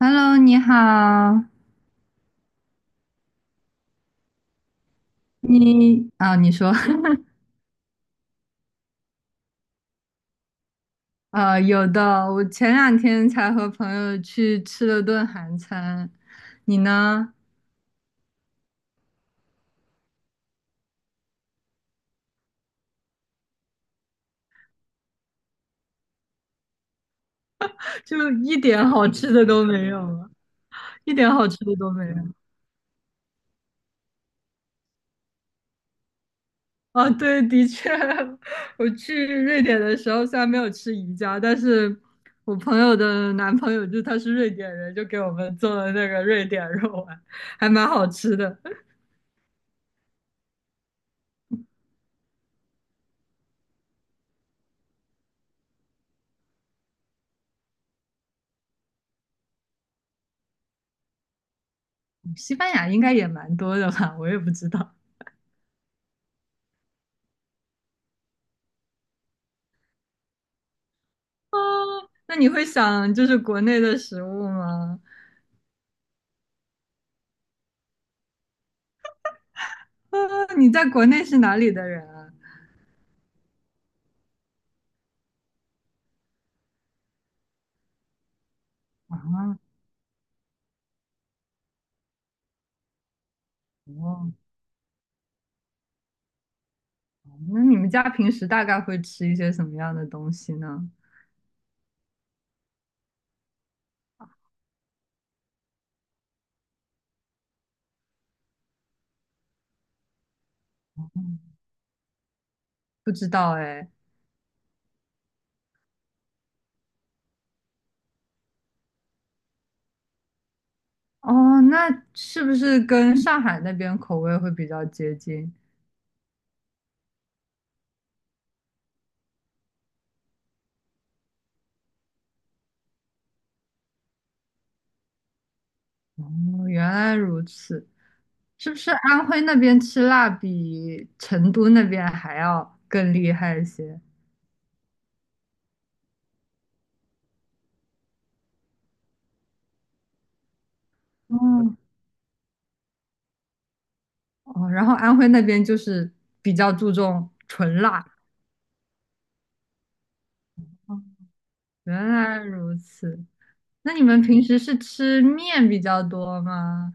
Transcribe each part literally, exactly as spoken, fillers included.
Hello，你好，你啊，你说，啊，有的，我前两天才和朋友去吃了顿韩餐，你呢？就一点好吃的都没有了，一点好吃的都没有。啊，对，的确，我去瑞典的时候虽然没有吃宜家，但是我朋友的男朋友就他是瑞典人，就给我们做了那个瑞典肉丸，还蛮好吃的。西班牙应该也蛮多的吧，我也不知道。啊，那你会想就是国内的食物吗？啊，你在国内是哪里的人啊？啊，哦，那你们家平时大概会吃一些什么样的东西呢？不知道哎。哦，那是不是跟上海那边口味会比较接近？哦，原来如此。是不是安徽那边吃辣比成都那边还要更厉害一些？哦哦，然后安徽那边就是比较注重纯辣。哦原来如此。那你们平时是吃面比较多吗？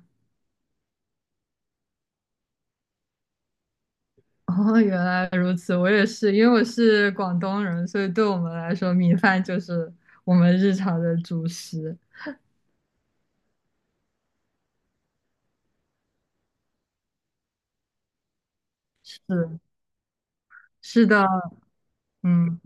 哦，原来如此。我也是，因为我是广东人，所以对我们来说，米饭就是我们日常的主食。是，是的，嗯。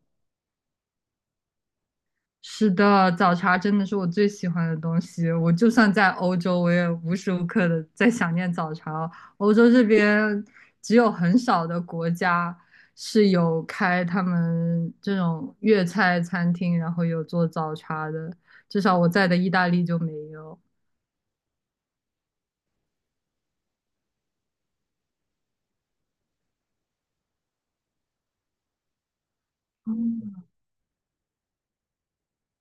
是的，早茶真的是我最喜欢的东西。我就算在欧洲，我也无时无刻的在想念早茶哦。欧洲这边只有很少的国家是有开他们这种粤菜餐厅，然后有做早茶的，至少我在的意大利就没有。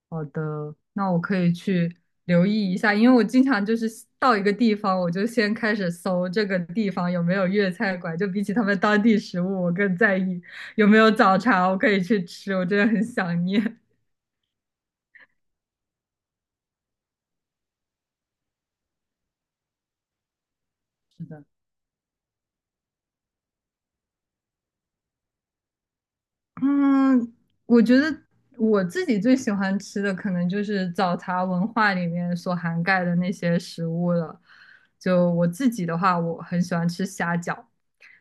好的，那我可以去留意一下，因为我经常就是到一个地方，我就先开始搜这个地方有没有粤菜馆，就比起他们当地食物，我更在意有没有早茶，我可以去吃，我真的很想念。是的，嗯，我觉得我自己最喜欢吃的可能就是早茶文化里面所涵盖的那些食物了。就我自己的话，我很喜欢吃虾饺。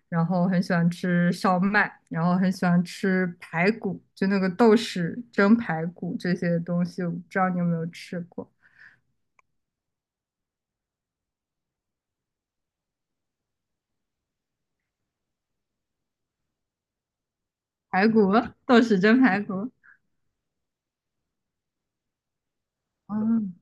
然后很喜欢吃烧麦，然后很喜欢吃排骨，就那个豆豉蒸排骨这些东西，我不知道你有没有吃过排骨，豆豉蒸排骨。嗯，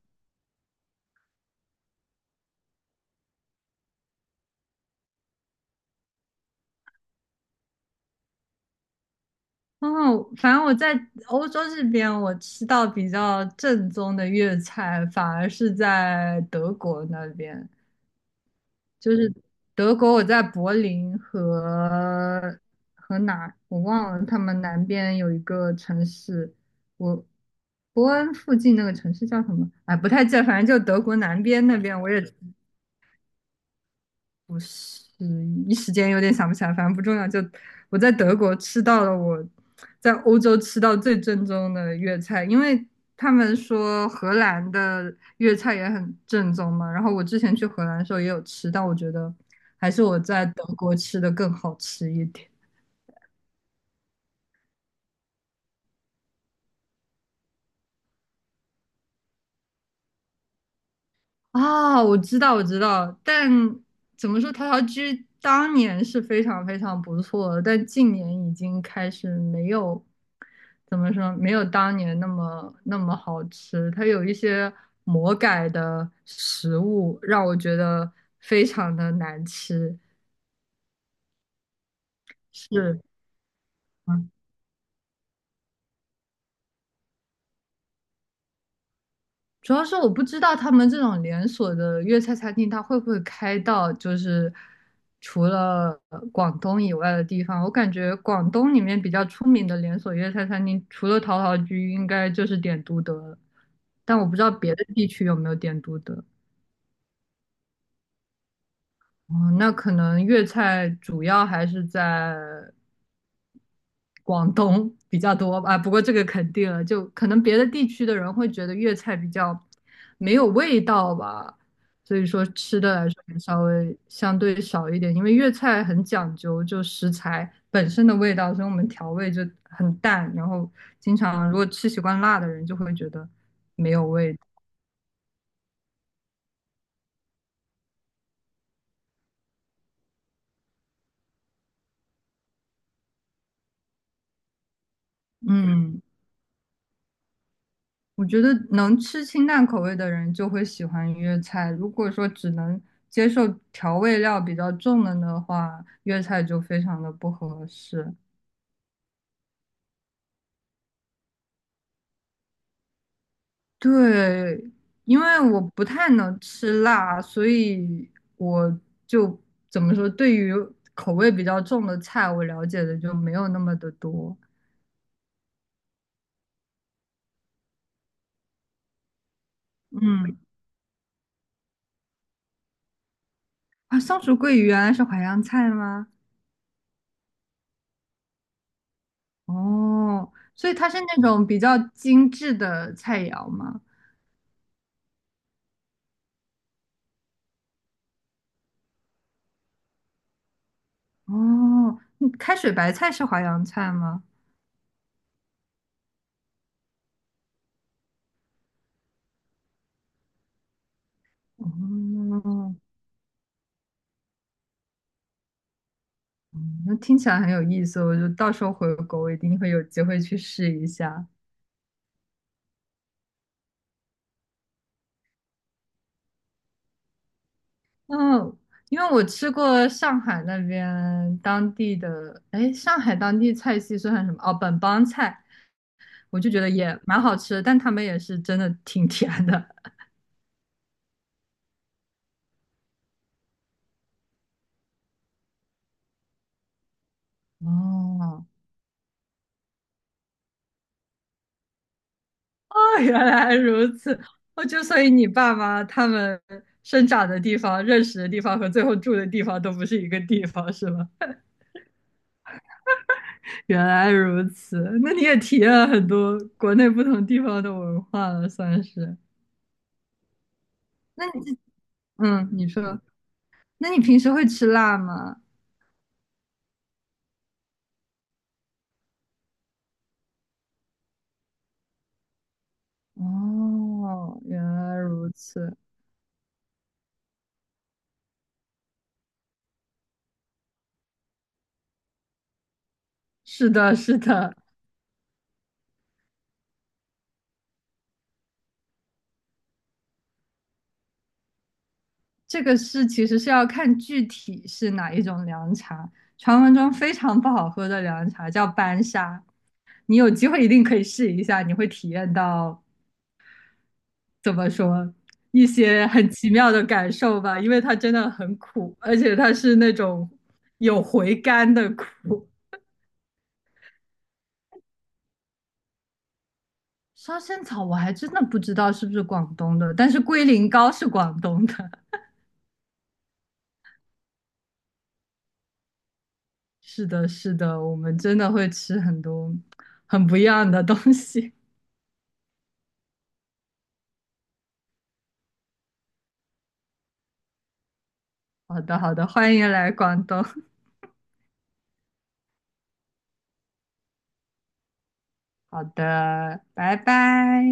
哦，反正我在欧洲这边，我吃到比较正宗的粤菜，反而是在德国那边。就是德国，我在柏林和和哪儿我忘了，他们南边有一个城市，我伯恩附近那个城市叫什么？哎，不太记得，反正就德国南边那边，我也不是一时间有点想不起来，反正不重要。就我在德国吃到了我在欧洲吃到最正宗的粤菜，因为他们说荷兰的粤菜也很正宗嘛。然后我之前去荷兰的时候也有吃，但我觉得还是我在德国吃的更好吃一点。啊，我知道，我知道，但怎么说，陶陶居当年是非常非常不错的，但近年已经开始没有，怎么说，没有当年那么那么好吃。它有一些魔改的食物，让我觉得非常的难吃。是，嗯。主要是我不知道他们这种连锁的粤菜餐厅，它会不会开到就是除了呃广东以外的地方。我感觉广东里面比较出名的连锁粤菜餐厅，除了陶陶居，应该就是点都德了。但我不知道别的地区有没有点都德。哦，那可能粤菜主要还是在广东比较多吧，不过这个肯定了，就可能别的地区的人会觉得粤菜比较没有味道吧，所以说吃的来说也稍微相对少一点，因为粤菜很讲究就食材本身的味道，所以我们调味就很淡，然后经常如果吃习惯辣的人就会觉得没有味。嗯，我觉得能吃清淡口味的人就会喜欢粤菜，如果说只能接受调味料比较重的的话，粤菜就非常的不合适。对，因为我不太能吃辣，所以我就怎么说，对于口味比较重的菜，我了解的就没有那么的多。嗯，啊，松鼠桂鱼原来是淮扬菜吗？哦，所以它是那种比较精致的菜肴吗？哦，嗯，开水白菜是淮扬菜吗？哦，嗯，那听起来很有意思，我就到时候回国，我一定会有机会去试一下。嗯，因为我吃过上海那边当地的，哎，上海当地菜系算什么？哦，本帮菜，我就觉得也蛮好吃的，但他们也是真的挺甜的。哦，哦，原来如此。哦，就所以你爸妈他们生长的地方、认识的地方和最后住的地方都不是一个地方，是吗？原来如此。那你也体验了很多国内不同地方的文化了，算是。那你，嗯，你说，那你平时会吃辣吗？哦，原来如此。是的，是的，这个是其实是要看具体是哪一种凉茶。传闻中非常不好喝的凉茶叫班沙。你有机会一定可以试一下，你会体验到怎么说一些很奇妙的感受吧，因为它真的很苦，而且它是那种有回甘的苦。烧仙草我还真的不知道是不是广东的，但是龟苓膏是广东的。是的，是的，我们真的会吃很多很不一样的东西。好的，好的，欢迎来广东。好的，拜拜。